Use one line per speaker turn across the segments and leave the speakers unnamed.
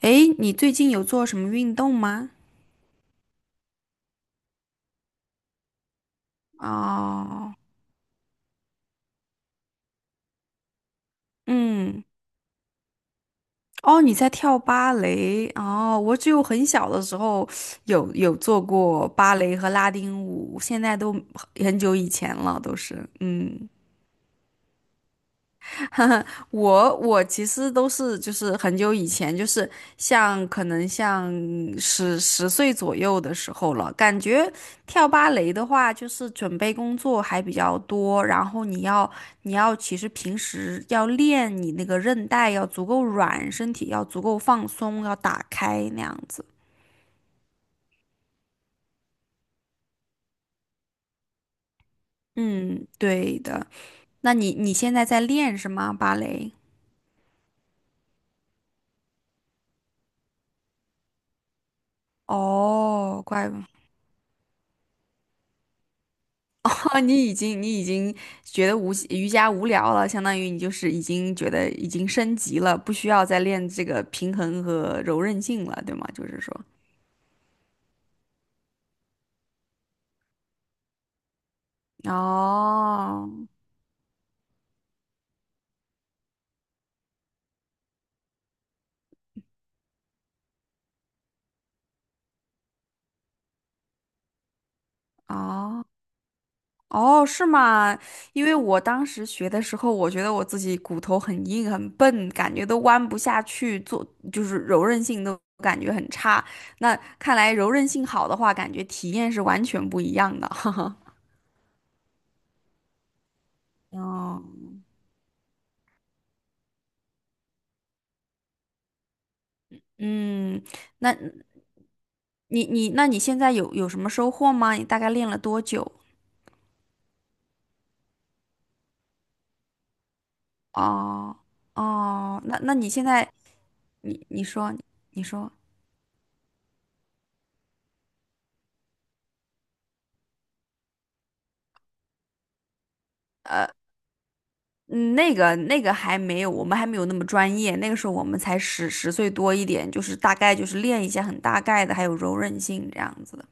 诶，你最近有做什么运动吗？哦，嗯，哦，你在跳芭蕾哦，我只有很小的时候有做过芭蕾和拉丁舞，现在都很久以前了，都是，嗯。哈哈，我其实都是就是很久以前，就是像可能像十岁左右的时候了。感觉跳芭蕾的话，就是准备工作还比较多，然后你要其实平时要练你那个韧带要足够软，身体要足够放松，要打开那样子。嗯，对的。那你现在在练是吗？芭蕾？哦，怪。哦，你已经觉得无瑜伽无聊了，相当于你就是已经觉得已经升级了，不需要再练这个平衡和柔韧性了，对吗？就是说，哦哦哦，是吗？因为我当时学的时候，我觉得我自己骨头很硬很笨，感觉都弯不下去，做就是柔韧性都感觉很差。那看来柔韧性好的话，感觉体验是完全不一样的。哦，嗯，那。那你现在有什么收获吗？你大概练了多久？哦哦，那你现在，你你说你说，嗯，那个还没有，我们还没有那么专业，那个时候我们才十岁多一点，就是大概就是练一些很大概的，还有柔韧性这样子的。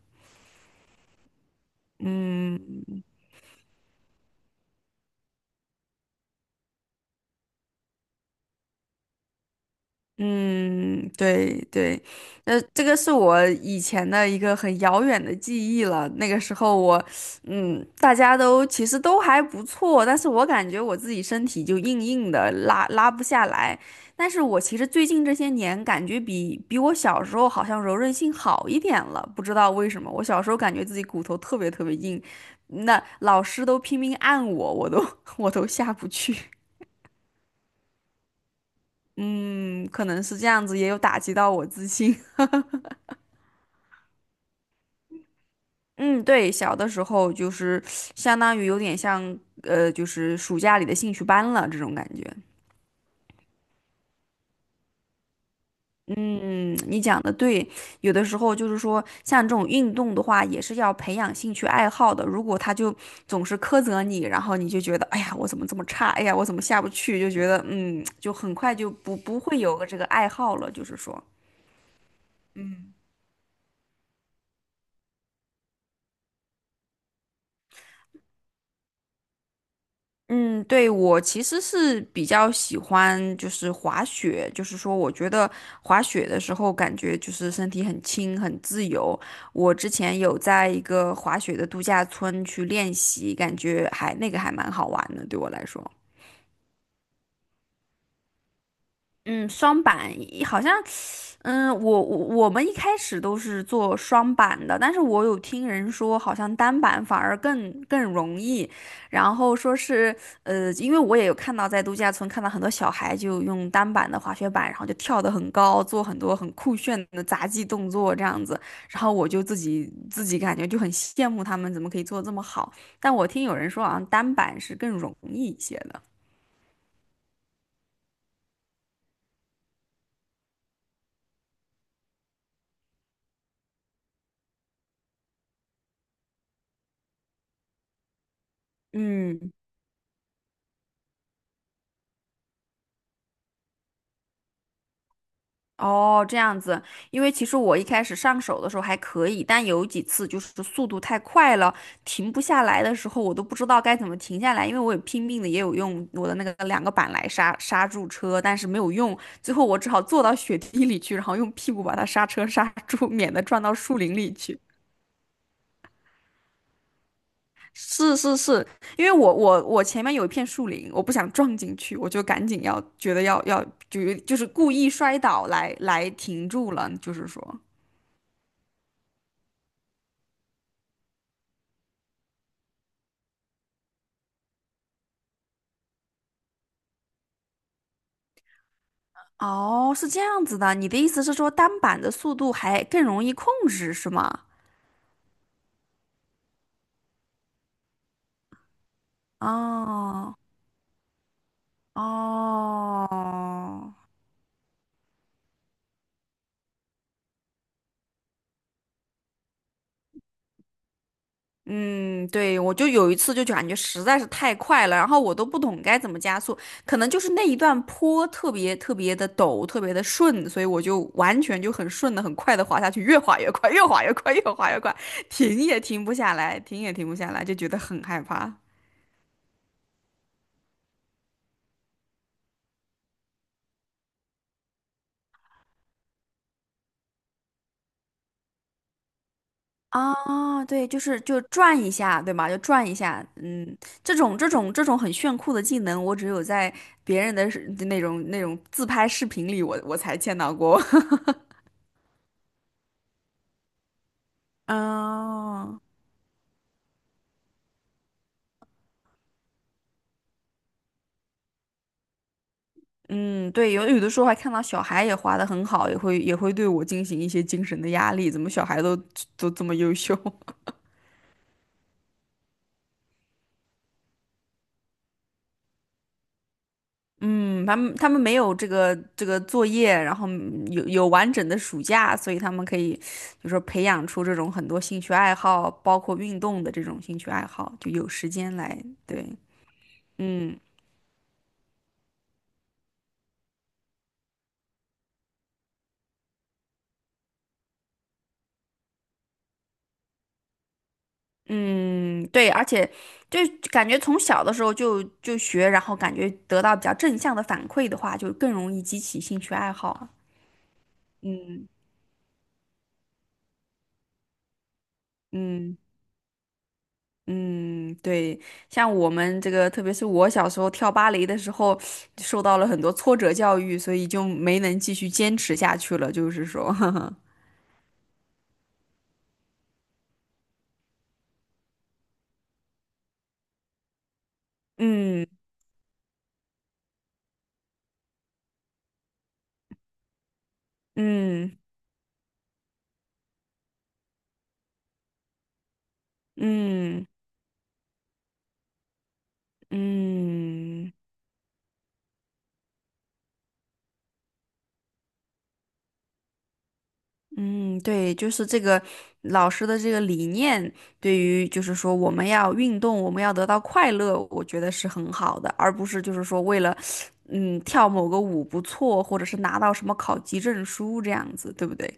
嗯嗯，对对，这个是我以前的一个很遥远的记忆了。那个时候我，大家都其实都还不错，但是我感觉我自己身体就硬硬的，拉不下来。但是我其实最近这些年感觉比我小时候好像柔韧性好一点了，不知道为什么。我小时候感觉自己骨头特别特别硬，那老师都拼命按我，我都 我都下不去。嗯，可能是这样子，也有打击到我自信。嗯，对，小的时候就是相当于有点像，就是暑假里的兴趣班了这种感觉。嗯，你讲的对，有的时候就是说，像这种运动的话，也是要培养兴趣爱好的。如果他就总是苛责你，然后你就觉得，哎呀，我怎么这么差？哎呀，我怎么下不去？就觉得，就很快就不会有个这个爱好了，就是说。嗯，对，我其实是比较喜欢就是滑雪，就是说我觉得滑雪的时候感觉就是身体很轻很自由。我之前有在一个滑雪的度假村去练习，感觉还那个还蛮好玩的，对我来说。嗯，双板一好像嗯，我我我们一开始都是做双板的，但是我有听人说，好像单板反而更容易。然后说是，因为我也有看到在度假村看到很多小孩就用单板的滑雪板，然后就跳得很高，做很多很酷炫的杂技动作这样子。然后我就自己感觉就很羡慕他们怎么可以做得这么好。但我听有人说，好像单板是更容易一些的。嗯。哦，这样子，因为其实我一开始上手的时候还可以，但有几次就是速度太快了，停不下来的时候，我都不知道该怎么停下来，因为我也拼命的也有用我的那个两个板来刹住车，但是没有用，最后我只好坐到雪地里去，然后用屁股把它刹车刹住，免得撞到树林里去。是是是，因为我前面有一片树林，我不想撞进去，我就赶紧要觉得要就是故意摔倒来停住了，就是说。哦，是这样子的，你的意思是说单板的速度还更容易控制，是吗？哦哦，嗯，对，我就有一次就感觉实在是太快了，然后我都不懂该怎么加速，可能就是那一段坡特别特别的陡，特别的顺，所以我就完全就很顺的、很快的滑下去，越滑越快，越滑越快，越滑越快，停也停不下来，停也停不下来，就觉得很害怕。啊，对，就是就转一下，对吧？就转一下，嗯，这种很炫酷的技能，我只有在别人的那种自拍视频里我才见到过。哦，嗯，对，有的时候还看到小孩也滑的很好，也会对我进行一些精神的压力，怎么小孩都这么优秀？嗯，他们没有这个作业，然后有完整的暑假，所以他们可以，就说培养出这种很多兴趣爱好，包括运动的这种兴趣爱好，就有时间来，对，嗯嗯，对，而且就感觉从小的时候就学，然后感觉得到比较正向的反馈的话，就更容易激起兴趣爱好啊，嗯嗯。嗯，对，像我们这个，特别是我小时候跳芭蕾的时候，受到了很多挫折教育，所以就没能继续坚持下去了。就是说，嗯嗯嗯嗯嗯，对，就是这个老师的这个理念，对于就是说我们要运动，我们要得到快乐，我觉得是很好的，而不是就是说为了跳某个舞不错，或者是拿到什么考级证书这样子，对不对？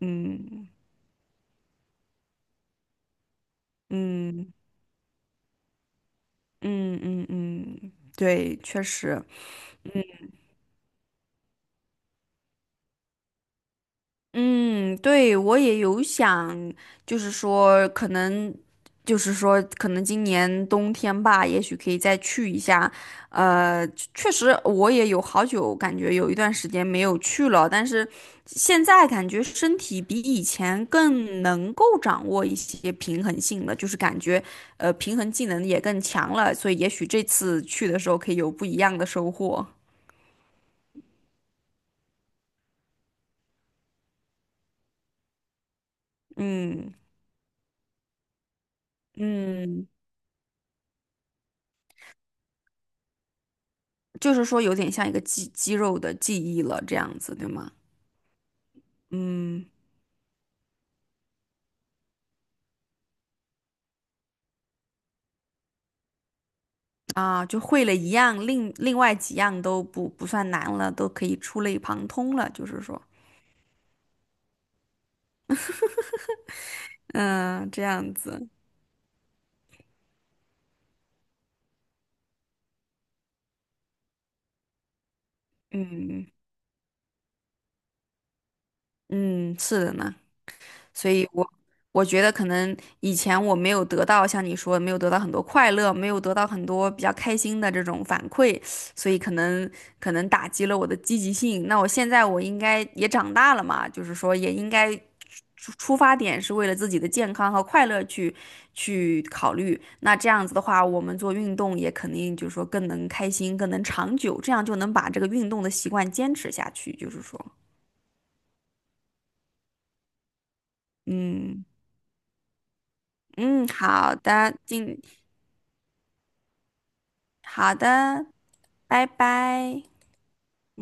嗯。嗯嗯嗯嗯，对，确实，嗯，嗯，对，我也有想，就是说，可能，就是说，可能今年冬天吧，也许可以再去一下。呃，确实，我也有好久感觉有一段时间没有去了，但是现在感觉身体比以前更能够掌握一些平衡性了，就是感觉平衡技能也更强了，所以也许这次去的时候可以有不一样的收获。嗯嗯，就是说有点像一个肌肉的记忆了，这样子，对吗？嗯啊，就会了一样，另外几样都不算难了，都可以触类旁通了，就是说，嗯，这样子，嗯嗯，是的呢。所以我觉得可能以前我没有得到像你说的没有得到很多快乐，没有得到很多比较开心的这种反馈，所以可能打击了我的积极性。那我现在我应该也长大了嘛，就是说也应该出发点是为了自己的健康和快乐去考虑。那这样子的话，我们做运动也肯定就是说更能开心，更能长久，这样就能把这个运动的习惯坚持下去。就是说，嗯嗯，好的，好的，拜拜。嗯。